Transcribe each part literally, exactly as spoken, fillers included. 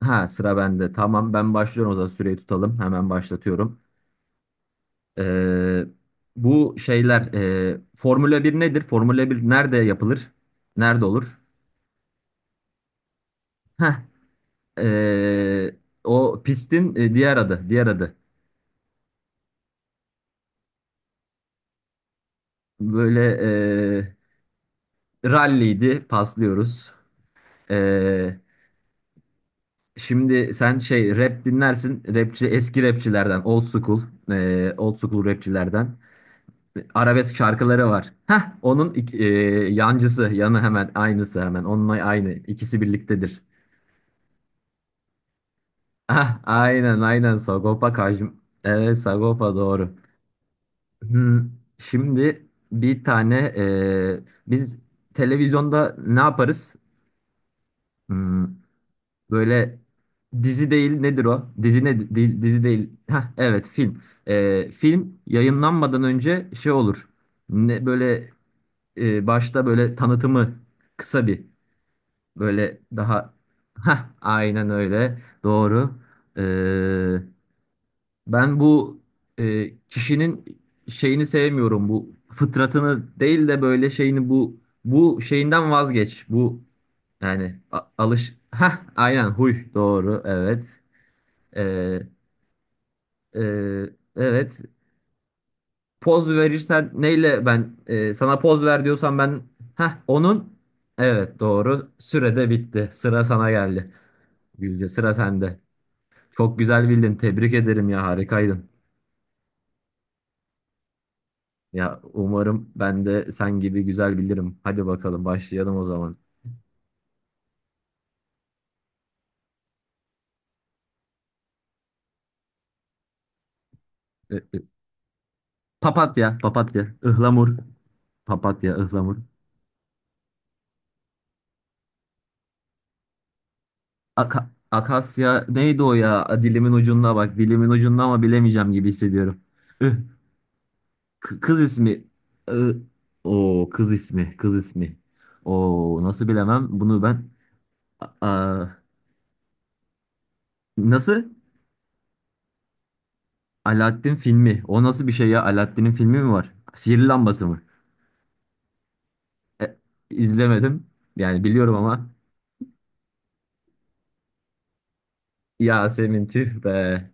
Ha sıra bende. Tamam ben başlıyorum o zaman süreyi tutalım. Hemen başlatıyorum. Ee, bu şeyler e, Formula bir nedir? Formula bir nerede yapılır? Nerede olur? Heh, ee, o pistin e, diğer adı. Diğer adı. Böyle e, ralliydi. Paslıyoruz. Ee, şimdi sen şey rap dinlersin. Rapçi eski rapçilerden. Old school. E, old school rapçilerden. Arabesk şarkıları var. Heh, onun ik- e, yancısı, yanı hemen aynısı hemen. Onunla aynı. İkisi birliktedir. Ah, aynen aynen Sagopa Kajm. Evet, Sagopa doğru. Hmm, şimdi bir tane e, biz televizyonda ne yaparız? Hmm, böyle dizi değil, nedir o? Dizi ne di- dizi değil. Heh, evet, film. E, film yayınlanmadan önce şey olur. Ne böyle e, başta böyle tanıtımı, kısa bir. Böyle daha. Ha, aynen öyle. Doğru. Ee, ben bu e, kişinin şeyini sevmiyorum. Bu fıtratını değil de böyle şeyini bu bu şeyinden vazgeç. Bu yani a- alış. Ha, aynen, huy, doğru, evet. Ee, e, evet. Poz verirsen neyle, ben e, sana poz ver diyorsam ben. Ha onun, evet doğru. Sürede bitti. Sıra sana geldi. Gülce, sıra sende. Çok güzel bildin. Tebrik ederim ya, harikaydın. Ya, umarım ben de sen gibi güzel bilirim. Hadi bakalım, başlayalım o zaman. Ö- ö- Papatya, papatya, ıhlamur, papatya, ıhlamur. Aka- akasya neydi o ya? A, Dilimin ucunda bak, dilimin ucunda, ama bilemeyeceğim gibi hissediyorum. Ih, k- Kız ismi. Ih, O kız ismi, kız ismi. O nasıl, bilemem bunu ben. A- a- Nasıl? Alaaddin filmi. O nasıl bir şey ya? Alaaddin'in filmi mi var? Sihirli lambası mı? E, izlemedim. Yani biliyorum ama. Yasemin, tüh be.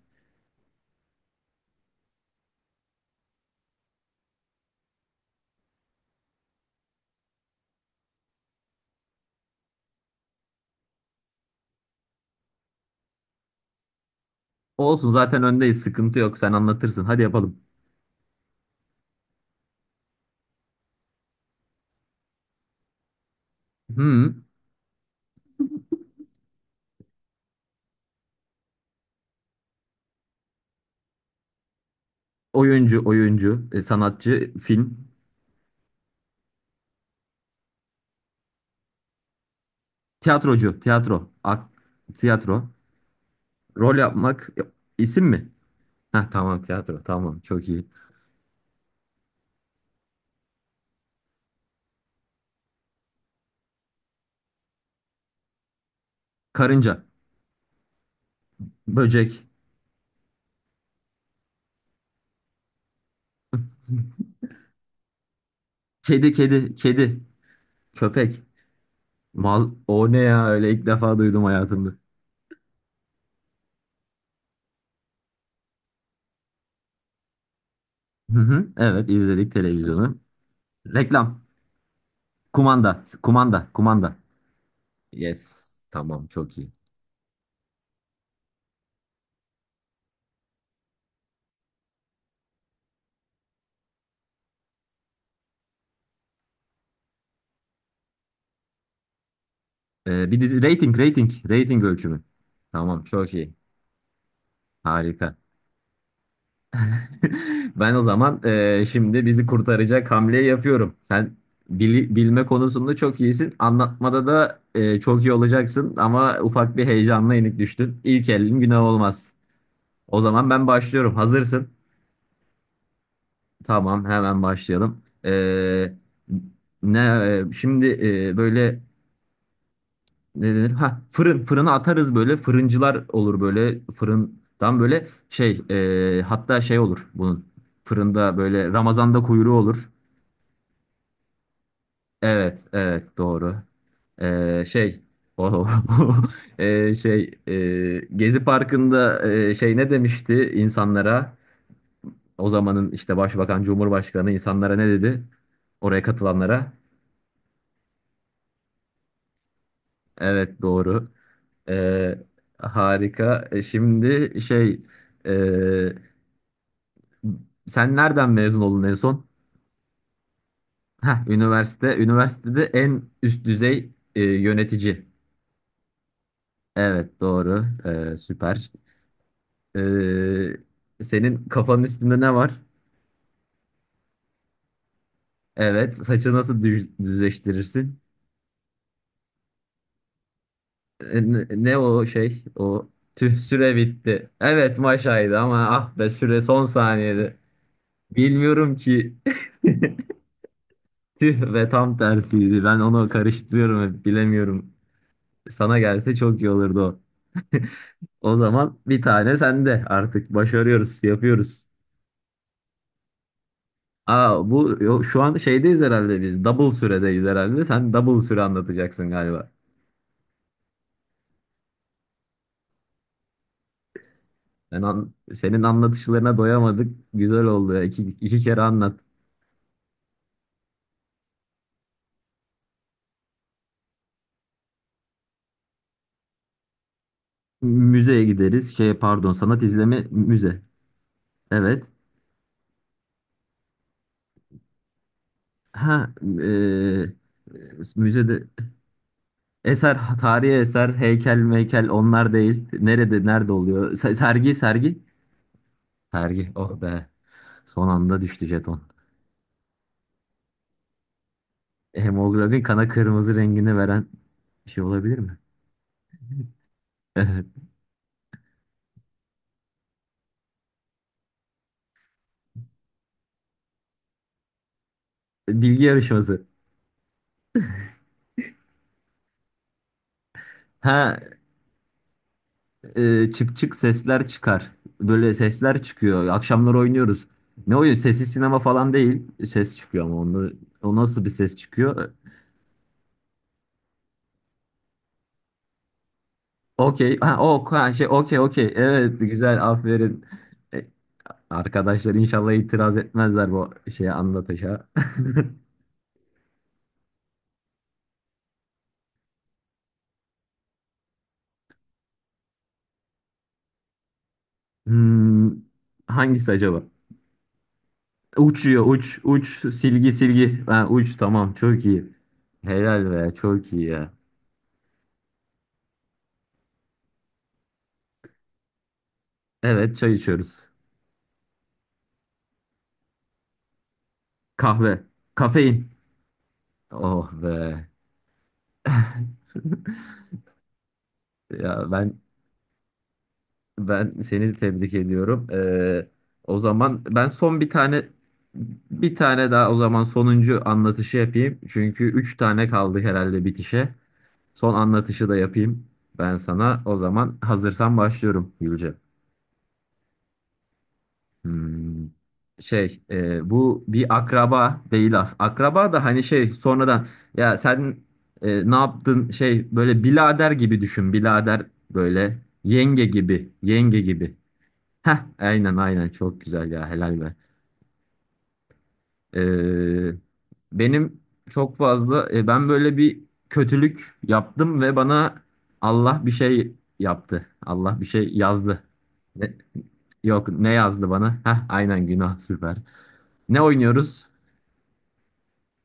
Olsun, zaten öndeyiz. Sıkıntı yok. Sen anlatırsın. Hadi yapalım. Hmm. Oyuncu, oyuncu, e, sanatçı, film, tiyatrocu, tiyatro, ak, tiyatro. Rol yapmak, e, isim mi? Heh, tamam, tiyatro. Tamam, çok iyi. Karınca, böcek, kedi, kedi, kedi, köpek. Mal, o ne ya öyle, ilk defa duydum hayatımda. Hı hı, evet, izledik televizyonu. Reklam. Kumanda, kumanda, kumanda. Yes. Tamam, çok iyi. Ee, bir dizi rating, rating, rating ölçümü. Tamam, çok iyi. Harika. Ben o zaman ee, şimdi bizi kurtaracak hamleyi yapıyorum. Sen bili- bilme konusunda çok iyisin. Anlatmada da ee, çok iyi olacaksın, ama ufak bir heyecanla yenik düştün. İlk elin günah olmaz. O zaman ben başlıyorum. Hazırsın. Tamam, hemen başlayalım. Ee, ne ee, şimdi ee, böyle ne denir? Ha, fırın, fırına atarız, böyle fırıncılar olur, böyle fırından, böyle şey, e, hatta şey olur bunun, fırında böyle Ramazan'da kuyruğu olur. Evet evet, doğru. E, şey o e, şey e, Gezi Parkı'nda e, şey ne demişti insanlara? O zamanın işte başbakan, Cumhurbaşkanı insanlara ne dedi? Oraya katılanlara. Evet, doğru. E, harika. E, Şimdi şey e, sen nereden mezun oldun en son? Heh, üniversite. Üniversitede en üst düzey e, yönetici. Evet, doğru. E, süper. E, senin kafanın üstünde ne var? Evet. Saçı nasıl düz- düzleştirirsin? E, ne, ne o şey? O, tüh, süre bitti. Evet, maşaydı ama, ah be, süre son saniyede. Bilmiyorum ki. Tüh, ve tam tersiydi. Ben onu karıştırıyorum hep, bilemiyorum. Sana gelse çok iyi olurdu o. O zaman bir tane sende, artık başarıyoruz, yapıyoruz. Aa, bu yo- şu an şeydeyiz herhalde biz. Double süredeyiz herhalde. Sen double süre anlatacaksın galiba. Sen an- senin anlatışlarına doyamadık. Güzel oldu ya. İki, iki kere anlat. Müzeye gideriz. Şey, pardon, sanat izleme müze. Evet. Ha, eee, müzede eser, tarihi eser, heykel, meykel, onlar değil. Nerede nerede oluyor? Se- sergi, sergi. Sergi. Oh be. Son anda düştü jeton. Hemoglobin kana kırmızı rengini veren bir şey olabilir mi? Evet. Bilgi yarışması. Ha, e, çık çık sesler çıkar. Böyle sesler çıkıyor. Akşamlar oynuyoruz. Ne oyun? Sesli sinema falan değil. Ses çıkıyor, ama onu, o nasıl bir ses çıkıyor? Okey. Ha, o, ha, şey, okey, okey. Evet, güzel, aferin. E, Arkadaşlar inşallah itiraz etmezler bu şeye, anlatışa. Hmm, hangisi acaba? Uçuyor, uç uç, silgi silgi. Ha, uç, tamam, çok iyi. Helal be, çok iyi ya. Evet, çay içiyoruz. Kahve. Kafein. Oh be. Ya ben ben seni tebrik ediyorum. Ee, o zaman ben son bir tane bir tane daha o zaman, sonuncu anlatışı yapayım. Çünkü üç tane kaldı herhalde bitişe. Son anlatışı da yapayım ben sana. O zaman hazırsan başlıyorum, Gülce. Hmm, şey e, bu bir akraba değil, as. Akraba da hani şey, sonradan. Ya sen e, ne yaptın şey, böyle birader gibi düşün. Birader, böyle yenge gibi, yenge gibi. Heh, aynen aynen, çok güzel ya, helal be. Ee, benim çok fazla e, ben böyle bir kötülük yaptım ve bana Allah bir şey yaptı. Allah bir şey yazdı. Ne- Yok, ne yazdı bana? Heh, aynen, günah, süper. Ne oynuyoruz?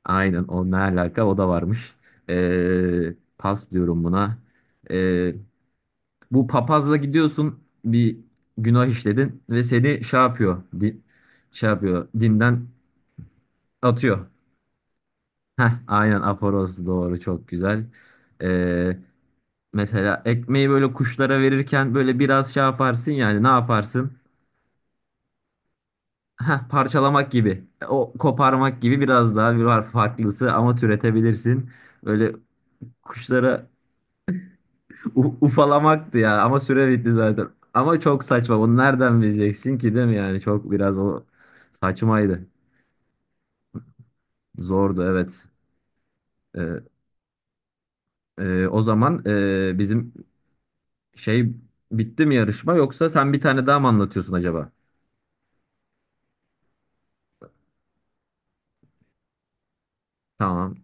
Aynen, o ne alaka, o da varmış. Ee, pas diyorum buna. Ee, bu papazla gidiyorsun, bir günah işledin ve seni şey yapıyor. Di, şey yapıyor, dinden atıyor. Heh, aynen, aforoz, doğru, çok güzel. Ee, mesela ekmeği böyle kuşlara verirken böyle biraz şey yaparsın, yani ne yaparsın? Heh, parçalamak gibi. O koparmak gibi, biraz daha bir var farklısı, ama türetebilirsin. Böyle kuşlara u- ufalamaktı ya, ama süre bitti zaten. Ama çok saçma. Bunu nereden bileceksin ki, değil mi yani? Çok biraz, o saçmaydı. Zordu, evet. Ee, e, o zaman e, bizim şey, bitti mi yarışma, yoksa sen bir tane daha mı anlatıyorsun acaba? Tamam.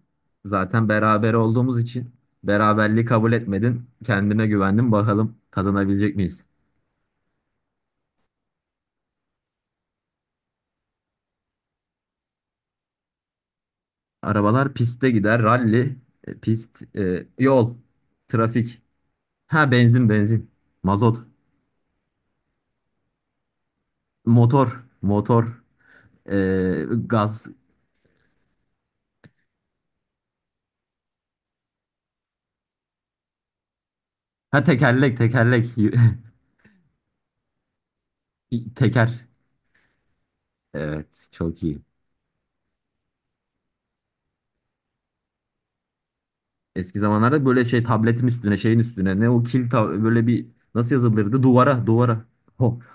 Zaten beraber olduğumuz için beraberliği kabul etmedin. Kendine güvendin. Bakalım, kazanabilecek miyiz? Arabalar piste gider. Ralli, e, pist, e, yol, trafik. Ha, benzin, benzin. Mazot, motor, motor, e, gaz. Ha, tekerlek, tekerlek. Teker. Evet, çok iyi. Eski zamanlarda böyle şey, tabletin üstüne, şeyin üstüne, ne, o kil, ta- böyle bir, nasıl yazılırdı, duvara, duvara. Ho.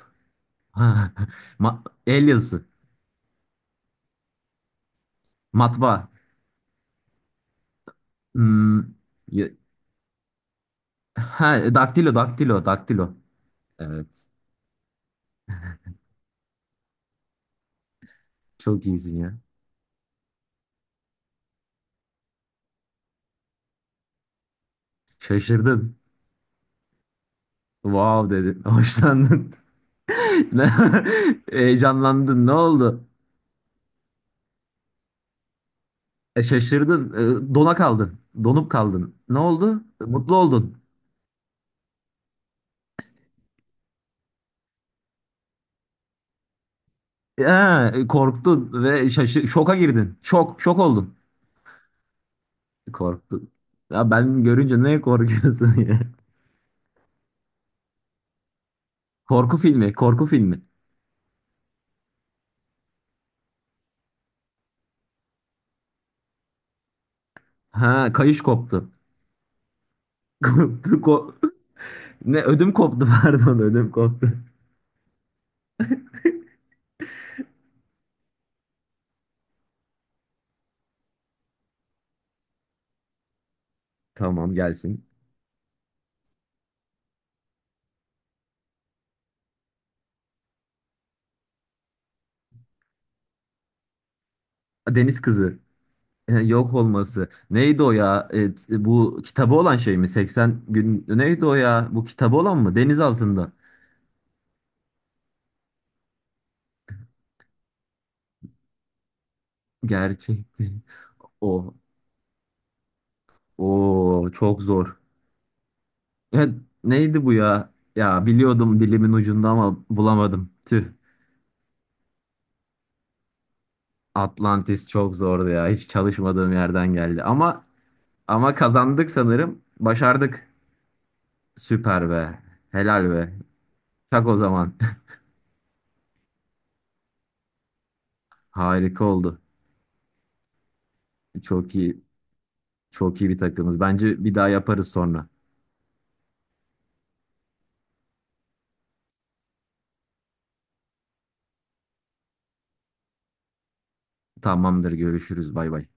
Ha. Ma- el yazısı. Matbaa. Hmm. Ya- Ha, daktilo, daktilo, daktilo. Evet. Çok iyisin ya. Şaşırdın. Wow dedin. Hoşlandın. Ne- Heyecanlandın. Ne oldu? E, şaşırdın. E, dona kaldın. Donup kaldın. Ne oldu? Mutlu oldun. Ee, korktun ve şaşı şoka girdin. Şok, şok oldun. Korktu. Ya ben görünce, neye korkuyorsun ya? Korku filmi, korku filmi. Ha, kayış koptu. Koptu, ko- Ne ödüm koptu, pardon, ödüm koptu. Tamam, gelsin. Deniz kızı. E, Yok olması. Neydi o ya? E, t- bu kitabı olan şey mi? seksen gün. Neydi o ya? Bu kitabı olan mı? Deniz altında. Gerçek değil. O. O çok zor. Ya, neydi bu ya? Ya, biliyordum, dilimin ucunda ama bulamadım. Tüh. Atlantis çok zordu ya. Hiç çalışmadığım yerden geldi. Ama ama kazandık sanırım. Başardık. Süper be. Helal be. Tak o zaman. Harika oldu. Çok iyi. Çok iyi bir takımız. Bence bir daha yaparız sonra. Tamamdır. Görüşürüz. Bay bay.